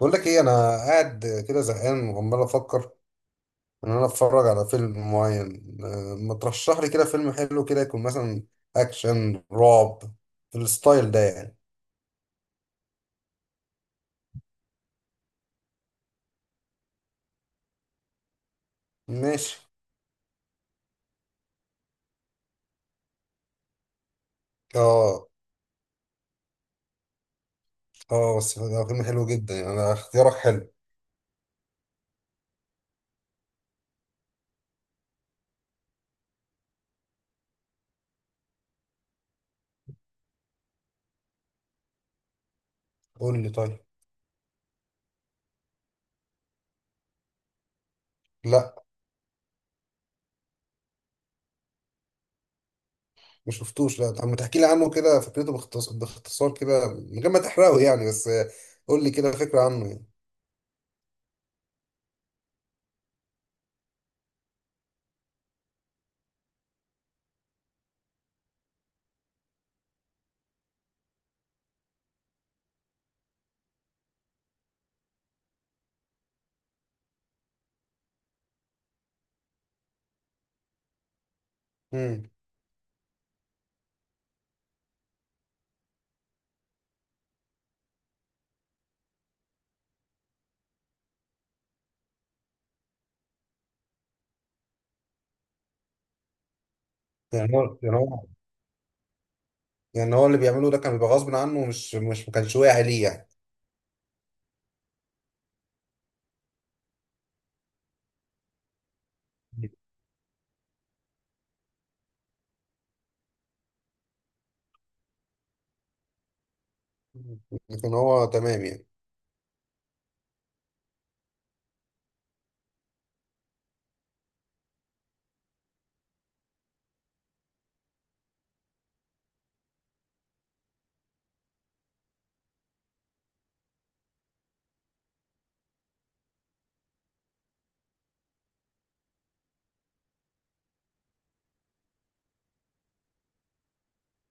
بقول لك ايه انا قاعد كده زهقان وعمال افكر ان انا اتفرج على فيلم معين، ما ترشح لي كده فيلم حلو كده يكون مثلا اكشن رعب في الستايل ده يعني. ماشي. اه، اه، بس ده فيلم حلو جدا يعني، انا اختيارك حلو. قول لي طيب. لا، ما شفتوش. لا طب ما تحكي لي عنه كده، فكرته باختصار باختصار كده من غير ما تحرقه يعني، بس قول لي كده فكرة عنه يعني. امم. يعني هو يعني هو يعني هو اللي بيعمله ده كان بيبقى غصب عنه ومش مش ما كانش واعي ليه يعني؟ لكن هو تمام يعني.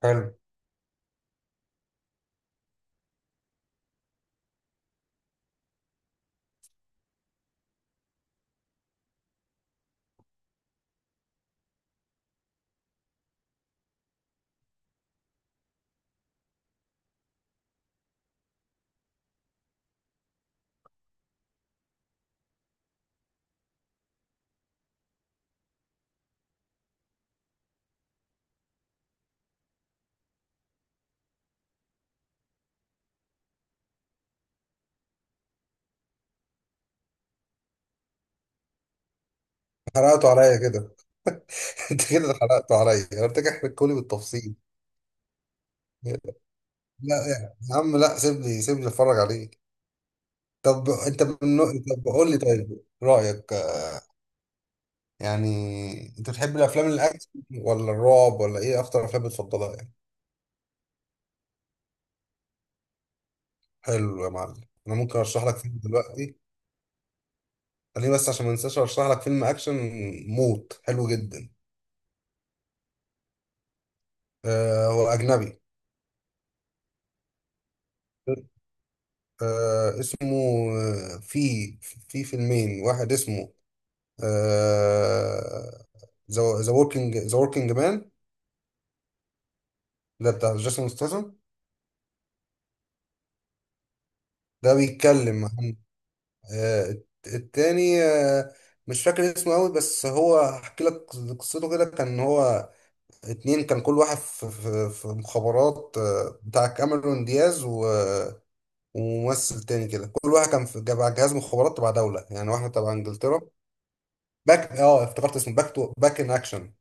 حلو. حرقته عليا كده. انت كده حرقته عليا، انا قلت لك احرقه لي بالتفصيل. لا يعني يا عم، لا سيبني سيبني اتفرج عليك. طب انت طب قول لي طيب رايك. يعني انت بتحب الافلام الاكشن، ولا الرعب، ولا ايه اكتر افلام بتفضلها يعني؟ حلو يا معلم. انا ممكن ارشح لك فيلم دلوقتي، خليني بس عشان ما انساش ارشح لك فيلم اكشن موت حلو جدا. هو اجنبي. اسمه، في فيلمين، واحد اسمه آه ذا وركينج مان. ده بتاع جيسون ستاثام. ده بيتكلم عن، التاني مش فاكر اسمه قوي، بس هو هحكي لك قصته. كده كان هو اتنين، كان كل واحد في مخابرات، بتاع كاميرون دياز، و وممثل تاني كده، كل واحد كان في جهاز مخابرات تبع دولة يعني، واحد تبع انجلترا. باك، افتكرت اسمه باك تو باك ان اكشن.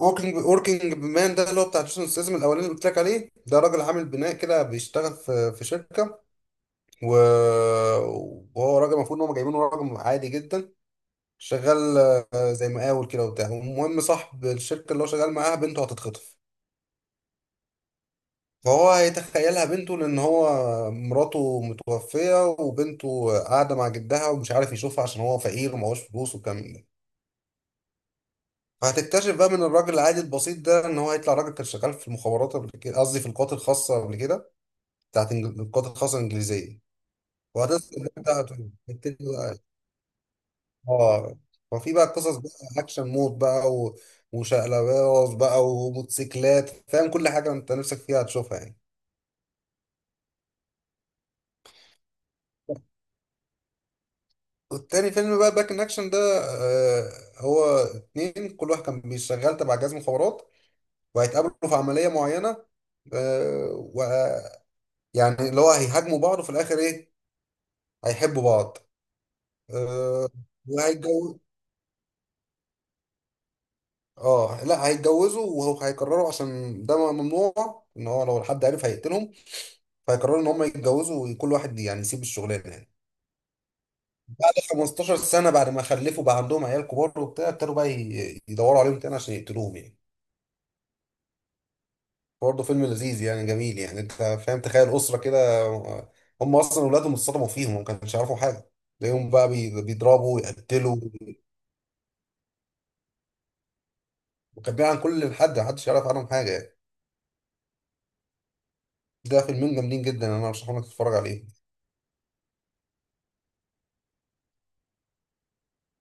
وركينج مان ده اللي هو بتاع جيسون ستاثام الاولاني اللي قلت لك عليه. ده راجل عامل بناء كده بيشتغل في شركه، و... وهو راجل المفروض ان هم جايبينه راجل عادي جدا، شغال زي مقاول كده وبتاع. المهم صاحب الشركه اللي هو شغال معاها بنته هتتخطف. فهو هيتخيلها بنته، لان هو مراته متوفيه، وبنته قاعده مع جدها ومش عارف يشوفها عشان هو فقير ومعهوش فلوس والكلام ده. فهتكتشف بقى من الراجل العادي البسيط ده ان هو هيطلع راجل كان شغال في المخابرات قبل كده، قصدي في القوات الخاصه قبل كده، القوات الخاصه الانجليزيه. وهتبتدي بقى، تبتدي بقى- اه، ففي بقى قصص بقى اكشن مود بقى، و... وشقلباز بقى وموتوسيكلات. فاهم، كل حاجه انت نفسك فيها هتشوفها يعني. والتاني فيلم بقى باك ان اكشن ده، آه هو اتنين كل واحد كان بيشتغل تبع جهاز مخابرات، وهيتقابلوا في عمليه معينه، آه، و يعني اللي هو هيهاجموا بعض، وفي الاخر ايه؟ هيحبوا بعض. أه، وهيتجوز. اه لا، هيتجوزوا وهيقرروا عشان ده ممنوع، ان هو لو حد عرف هيقتلهم. فهيقرروا ان هم يتجوزوا وكل واحد يعني يسيب الشغلانه يعني. بعد 15 سنه، بعد ما خلفوا بقى عندهم عيال كبار وبتاع، ابتدوا بقى يدوروا عليهم تاني عشان يقتلوهم يعني. برضه فيلم لذيذ يعني، جميل يعني. انت فاهم، تخيل اسره كده، آه، هم اصلا اولادهم اتصدموا فيهم وما كانش يعرفوا حاجه، تلاقيهم بقى بيضربوا ويقتلوا، وكان بيعمل عن كل حد، محدش يعرف عنهم حاجه يعني. ده فيلمين جامدين جدا، انا برشحهم لك تتفرج عليه.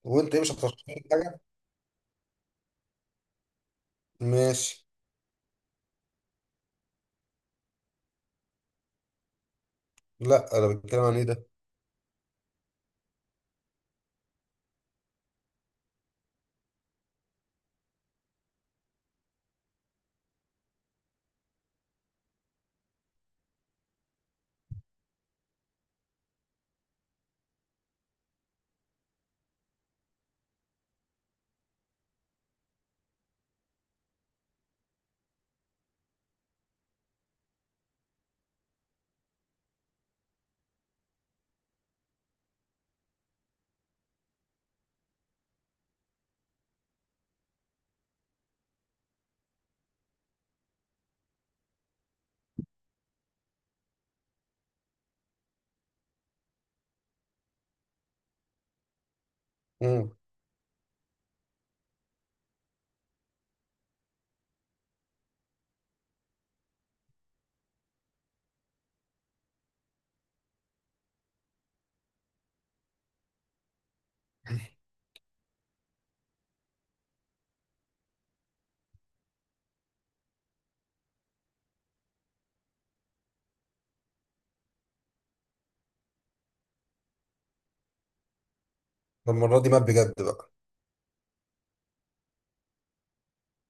وانت ايه، مش هترشح لي حاجه؟ ماشي. لا انا بتكلم عن ايه ده؟ امم. المره دي مات بجد بقى؟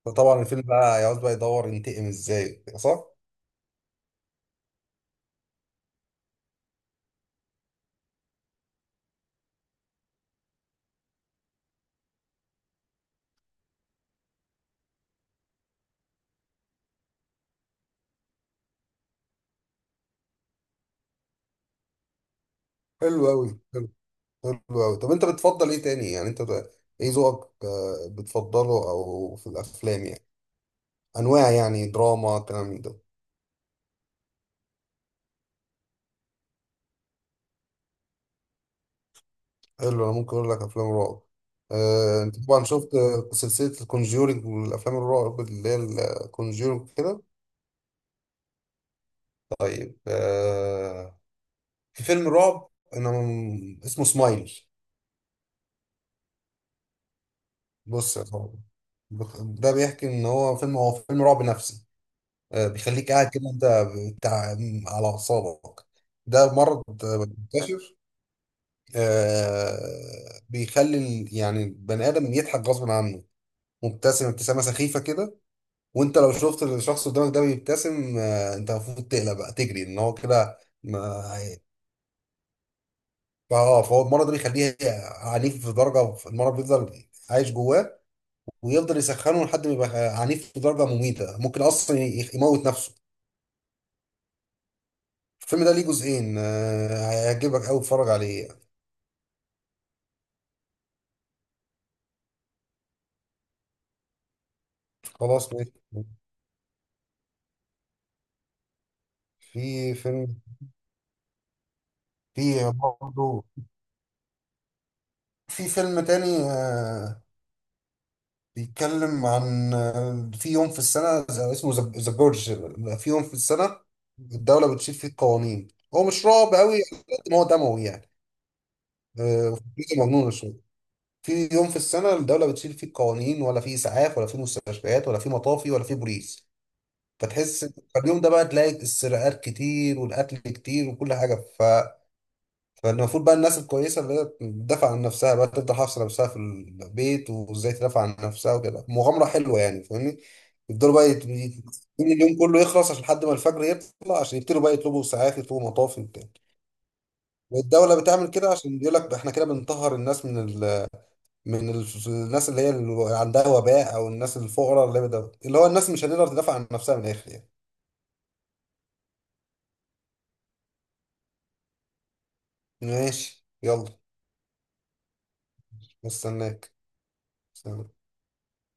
فطبعا الفيلم بقى هيقعد بقى يدور ينتقم ازاي، صح؟ حلو قوي. حلو. حلو قوي. طب انت بتفضل ايه تاني يعني؟ انت ايه ذوقك، بتفضله او في الافلام يعني؟ انواع يعني، دراما، كلام من ده. حلو. انا ممكن اقول لك افلام رعب، انت طبعا شفت سلسله الكونجورينج والافلام الرعب اللي هي الكونجورينج كده. في فيلم رعب انا اسمه سمايل. بص يا صاحبي، ده بيحكي ان هو فيلم رعب نفسي. بيخليك قاعد كده انت بتاع، على اعصابك. ده مرض، منتشر، بيخلي يعني البني ادم يضحك غصب عنه، مبتسم ابتسامه سخيفه كده. وانت لو شفت الشخص قدامك ده بيبتسم، انت المفروض تقلق بقى تجري، ان هو كده فهو المرض ده بيخليه عنيف. في درجه المرض بيفضل عايش جواه، ويفضل يسخنه لحد ما يبقى عنيف لدرجة مميتة، ممكن أصلا يموت نفسه. الفيلم ده ليه جزئين، هيعجبك أوي، اتفرج عليه. خلاص ماشي. في فيلم في برضه في فيلم تاني، بيتكلم عن، في يوم في السنة، اسمه ذا جورج. في يوم في السنة الدولة بتشيل فيه القوانين. هو مش رعب أوي على قد ما هو دموي يعني، وفكرته مجنونة شوية. في يوم في السنة الدولة بتشيل فيه قوانين، ولا فيه إسعاف، ولا فيه مستشفيات، ولا فيه مطافي، ولا فيه بوليس. فتحس اليوم ده بقى تلاقي السرقات كتير والقتل كتير وكل حاجة، ف... فالمفروض بقى الناس الكويسة اللي هي تدافع عن نفسها بقى تفضل حافظة نفسها في البيت، وإزاي تدافع عن نفسها وكده، مغامرة حلوة يعني. فاهمني، يفضلوا بقى يت... يت- اليوم كله يخلص عشان، لحد ما الفجر يطلع عشان يبتدوا بقى يطلبوا إسعاف يطلبوا مطافي وبتاع. والدولة بتعمل كده عشان بيقول لك احنا كده بنطهر الناس من، الناس اللي هي اللي عندها وباء او الناس الفقراء اللي بدأ. اللي هو الناس مش هتقدر تدافع عن نفسها من الاخر يعني. ماشي يلا. مستناك. سلام.